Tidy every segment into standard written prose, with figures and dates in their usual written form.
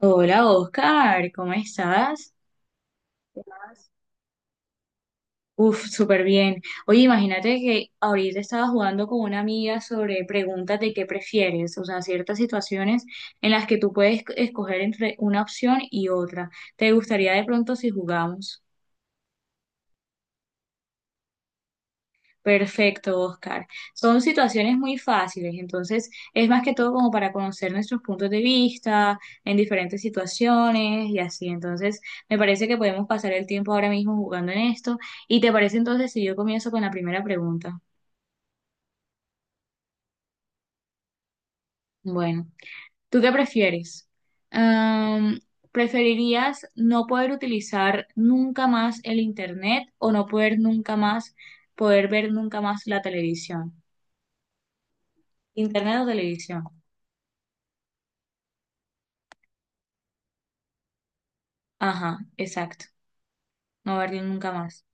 Hola Oscar, ¿cómo estás? ¿Qué más? Uf, súper bien. Oye, imagínate que ahorita estaba jugando con una amiga sobre preguntas de qué prefieres, o sea, ciertas situaciones en las que tú puedes escoger entre una opción y otra. ¿Te gustaría de pronto si jugamos? Perfecto, Oscar. Son situaciones muy fáciles, entonces es más que todo como para conocer nuestros puntos de vista en diferentes situaciones y así. Entonces, me parece que podemos pasar el tiempo ahora mismo jugando en esto. ¿Y te parece entonces si yo comienzo con la primera pregunta? Bueno, ¿tú qué prefieres? Am, ¿Preferirías no poder utilizar nunca más el internet o no poder nunca más, poder ver nunca más la televisión? Internet o televisión. Ajá, exacto. No verlo nunca más.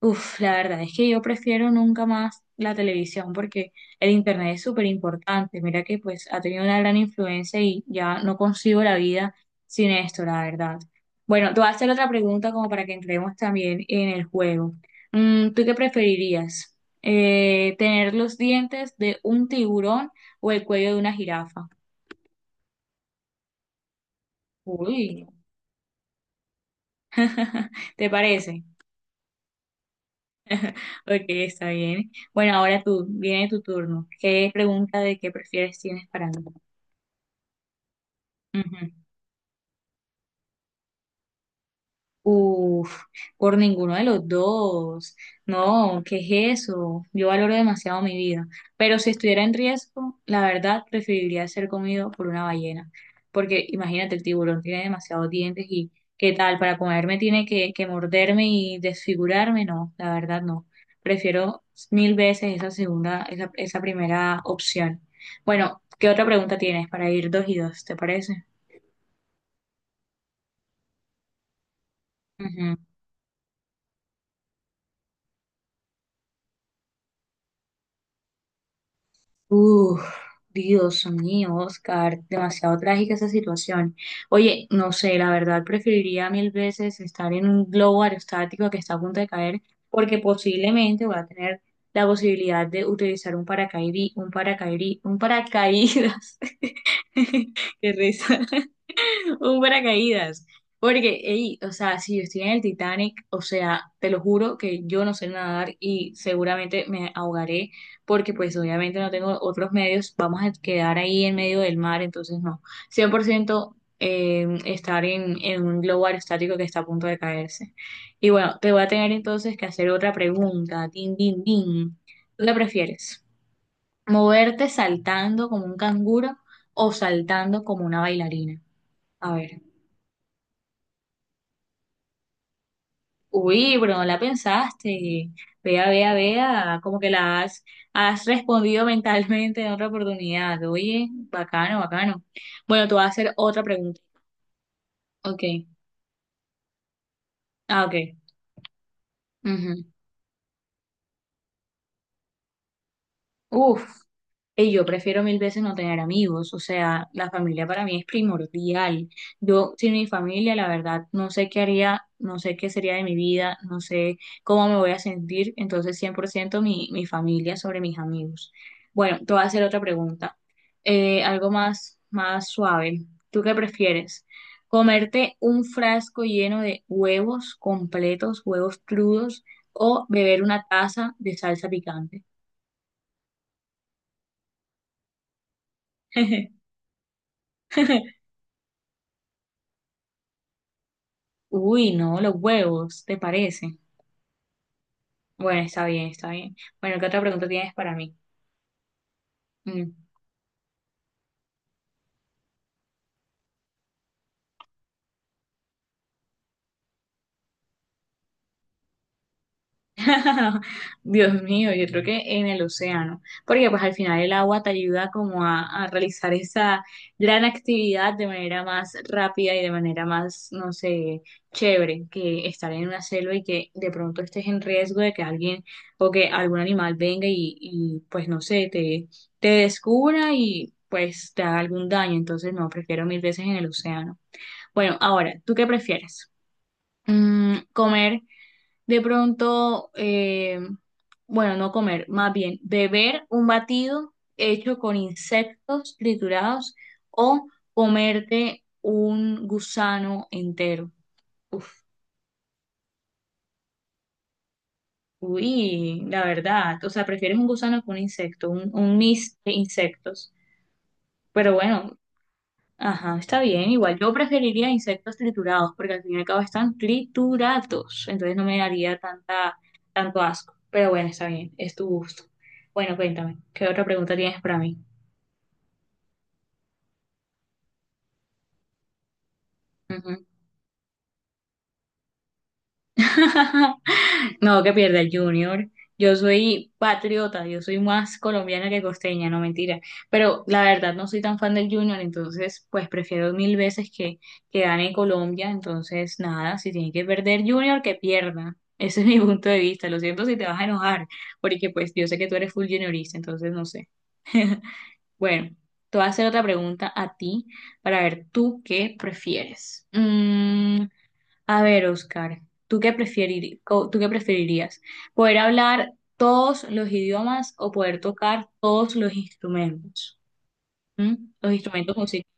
Uf, la verdad es que yo prefiero nunca más la televisión porque el internet es súper importante. Mira que pues ha tenido una gran influencia y ya no consigo la vida sin esto, la verdad. Bueno, te voy a hacer otra pregunta como para que entremos también en el juego. ¿Tú qué preferirías? ¿Tener los dientes de un tiburón o el cuello de una jirafa? Uy, ¿te parece? Ok, está bien. Bueno, ahora tú, viene tu turno. ¿Qué pregunta de qué prefieres tienes para mí? Ujú. Uf, por ninguno de los dos. No, ¿qué es eso? Yo valoro demasiado mi vida. Pero si estuviera en riesgo, la verdad preferiría ser comido por una ballena. Porque imagínate, el tiburón tiene demasiados dientes y ¿qué tal? Para comerme tiene que morderme y desfigurarme. No, la verdad no. Prefiero mil veces esa primera opción. Bueno, ¿qué otra pregunta tienes para ir dos y dos? ¿Te parece? Uf, Dios mío, Oscar, demasiado trágica esa situación. Oye, no sé, la verdad preferiría mil veces estar en un globo aerostático que está a punto de caer, porque posiblemente voy a tener la posibilidad de utilizar un paracaídas. Qué risa. Un paracaídas. Porque, ey, o sea, si yo estoy en el Titanic, o sea, te lo juro que yo no sé nadar y seguramente me ahogaré porque pues obviamente no tengo otros medios, vamos a quedar ahí en medio del mar, entonces no. 100% estar en un globo aerostático que está a punto de caerse. Y bueno, te voy a tener entonces que hacer otra pregunta. Din, din, din. ¿Tú qué prefieres? ¿Moverte saltando como un canguro o saltando como una bailarina? A ver. Uy, pero no la pensaste. Vea, vea, vea, como que la has respondido mentalmente en otra oportunidad. Oye, bacano, bacano. Bueno, te voy a hacer otra pregunta. Ok. Ah, ok. Ujú. Uf, y yo prefiero mil veces no tener amigos, o sea, la familia para mí es primordial. Yo sin mi familia, la verdad, no sé qué haría, no sé qué sería de mi vida, no sé cómo me voy a sentir, entonces 100% mi familia sobre mis amigos. Bueno, te voy a hacer otra pregunta, algo más, más suave. ¿Tú qué prefieres? ¿Comerte un frasco lleno de huevos completos, huevos crudos, o beber una taza de salsa picante? Uy, no, los huevos, ¿te parece? Bueno, está bien, está bien. Bueno, ¿qué otra pregunta tienes para mí? Mm. Dios mío, yo creo que en el océano, porque pues al final el agua te ayuda como a realizar esa gran actividad de manera más rápida y de manera más, no sé, chévere que estar en una selva y que de pronto estés en riesgo de que alguien o que algún animal venga y pues no sé, te descubra y pues te haga algún daño. Entonces no, prefiero mil veces en el océano. Bueno, ahora, ¿tú qué prefieres? Mm, comer de pronto, bueno, no comer, más bien beber un batido hecho con insectos triturados o comerte un gusano entero. Uf, uy, la verdad, o sea, prefieres un gusano que un insecto, un mix de insectos. Pero bueno, ajá, está bien. Igual yo preferiría insectos triturados, porque al fin y al cabo están triturados. Entonces no me daría tanta, tanto asco. Pero bueno, está bien, es tu gusto. Bueno, cuéntame, ¿qué otra pregunta tienes para mí? No, que pierda el Junior. Yo soy patriota, yo soy más colombiana que costeña, no mentira. Pero la verdad no soy tan fan del Junior, entonces pues prefiero mil veces que gane Colombia. Entonces nada, si tiene que perder Junior, que pierda. Ese es mi punto de vista. Lo siento si te vas a enojar, porque pues yo sé que tú eres full juniorista, entonces no sé. Bueno, te voy a hacer otra pregunta a ti para ver tú qué prefieres. Mm, a ver, Oscar, ¿tú qué preferirías? ¿Poder hablar todos los idiomas o poder tocar todos los instrumentos? ¿Mm? Los instrumentos musicales.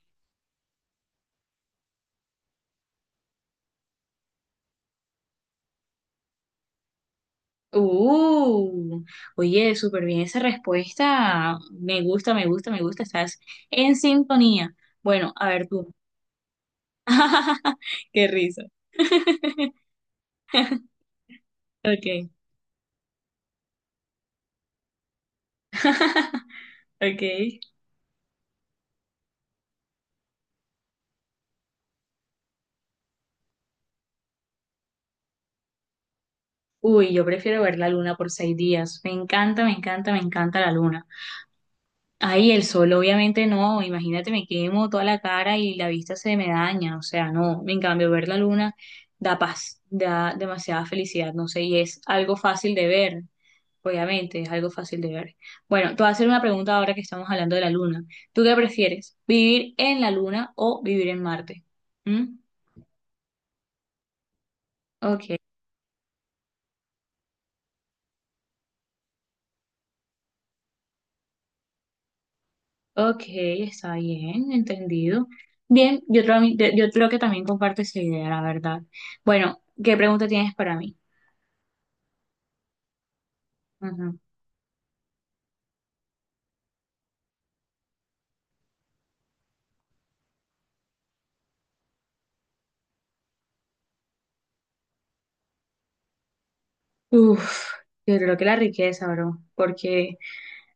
Uh, oye, súper bien esa respuesta. Me gusta, me gusta, me gusta. Estás en sintonía. Bueno, a ver tú. Qué risa. Ok, ok. Uy, yo prefiero ver la luna por 6 días. Me encanta, me encanta, me encanta la luna. Ahí el sol, obviamente no, imagínate, me quemo toda la cara y la vista se me daña, o sea, no, en cambio, ver la luna da paz, da demasiada felicidad, no sé, y es algo fácil de ver, obviamente, es algo fácil de ver. Bueno, te voy a hacer una pregunta ahora que estamos hablando de la luna. ¿Tú qué prefieres, vivir en la luna o vivir en Marte? ¿Mm? Ok, ok, está bien, entendido. Bien, yo creo que también comparto esa idea, la verdad. Bueno, ¿qué pregunta tienes para mí? Uf, yo creo que la riqueza, bro, porque,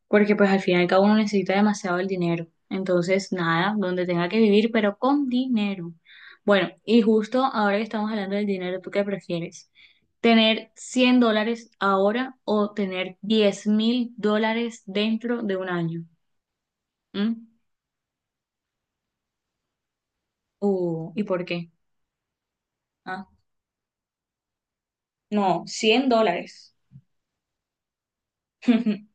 porque pues al final cada uno necesita demasiado el dinero. Entonces, nada, donde tenga que vivir, pero con dinero. Bueno, y justo ahora que estamos hablando del dinero, ¿tú qué prefieres? ¿Tener $100 ahora o tener $10,000 dentro de un año? ¿Mm? ¿Y por qué? Ah, no, $100.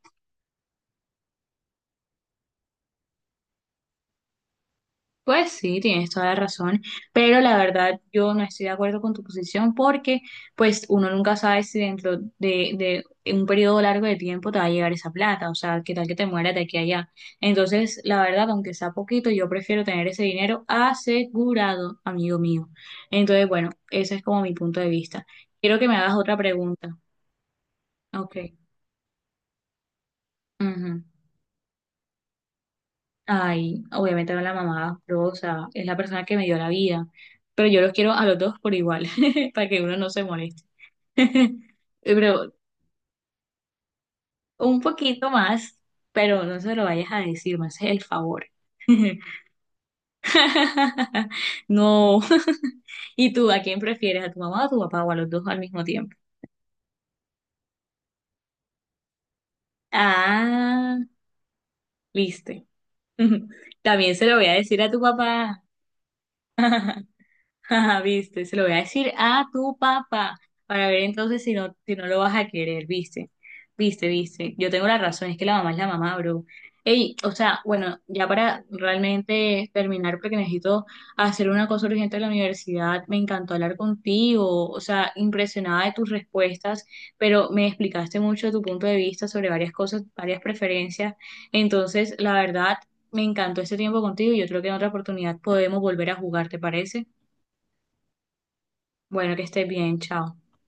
Pues sí, tienes toda la razón, pero la verdad yo no estoy de acuerdo con tu posición porque pues uno nunca sabe si dentro de un periodo largo de tiempo te va a llegar esa plata, o sea, qué tal que te mueras de aquí a allá. Entonces, la verdad, aunque sea poquito, yo prefiero tener ese dinero asegurado, amigo mío. Entonces, bueno, ese es como mi punto de vista. Quiero que me hagas otra pregunta. Ok. Ujú. Ay, obviamente no la mamá Rosa, es la persona que me dio la vida, pero yo los quiero a los dos por igual, para que uno no se moleste. Pero un poquito más, pero no se lo vayas a decir, me haces el favor. No. ¿Y tú a quién prefieres, a tu mamá o a tu papá o a los dos al mismo tiempo? Ah, viste. También se lo voy a decir a tu papá. Ajá, viste, se lo voy a decir a tu papá para ver entonces si no lo vas a querer, viste, viste, viste. Yo tengo la razón, es que la mamá es la mamá, bro. Ey, o sea, bueno, ya para realmente terminar, porque necesito hacer una cosa urgente en la universidad, me encantó hablar contigo, o sea, impresionada de tus respuestas, pero me explicaste mucho de tu punto de vista sobre varias cosas, varias preferencias. Entonces, la verdad, me encantó este tiempo contigo y yo creo que en otra oportunidad podemos volver a jugar, ¿te parece? Bueno, que estés bien, chao.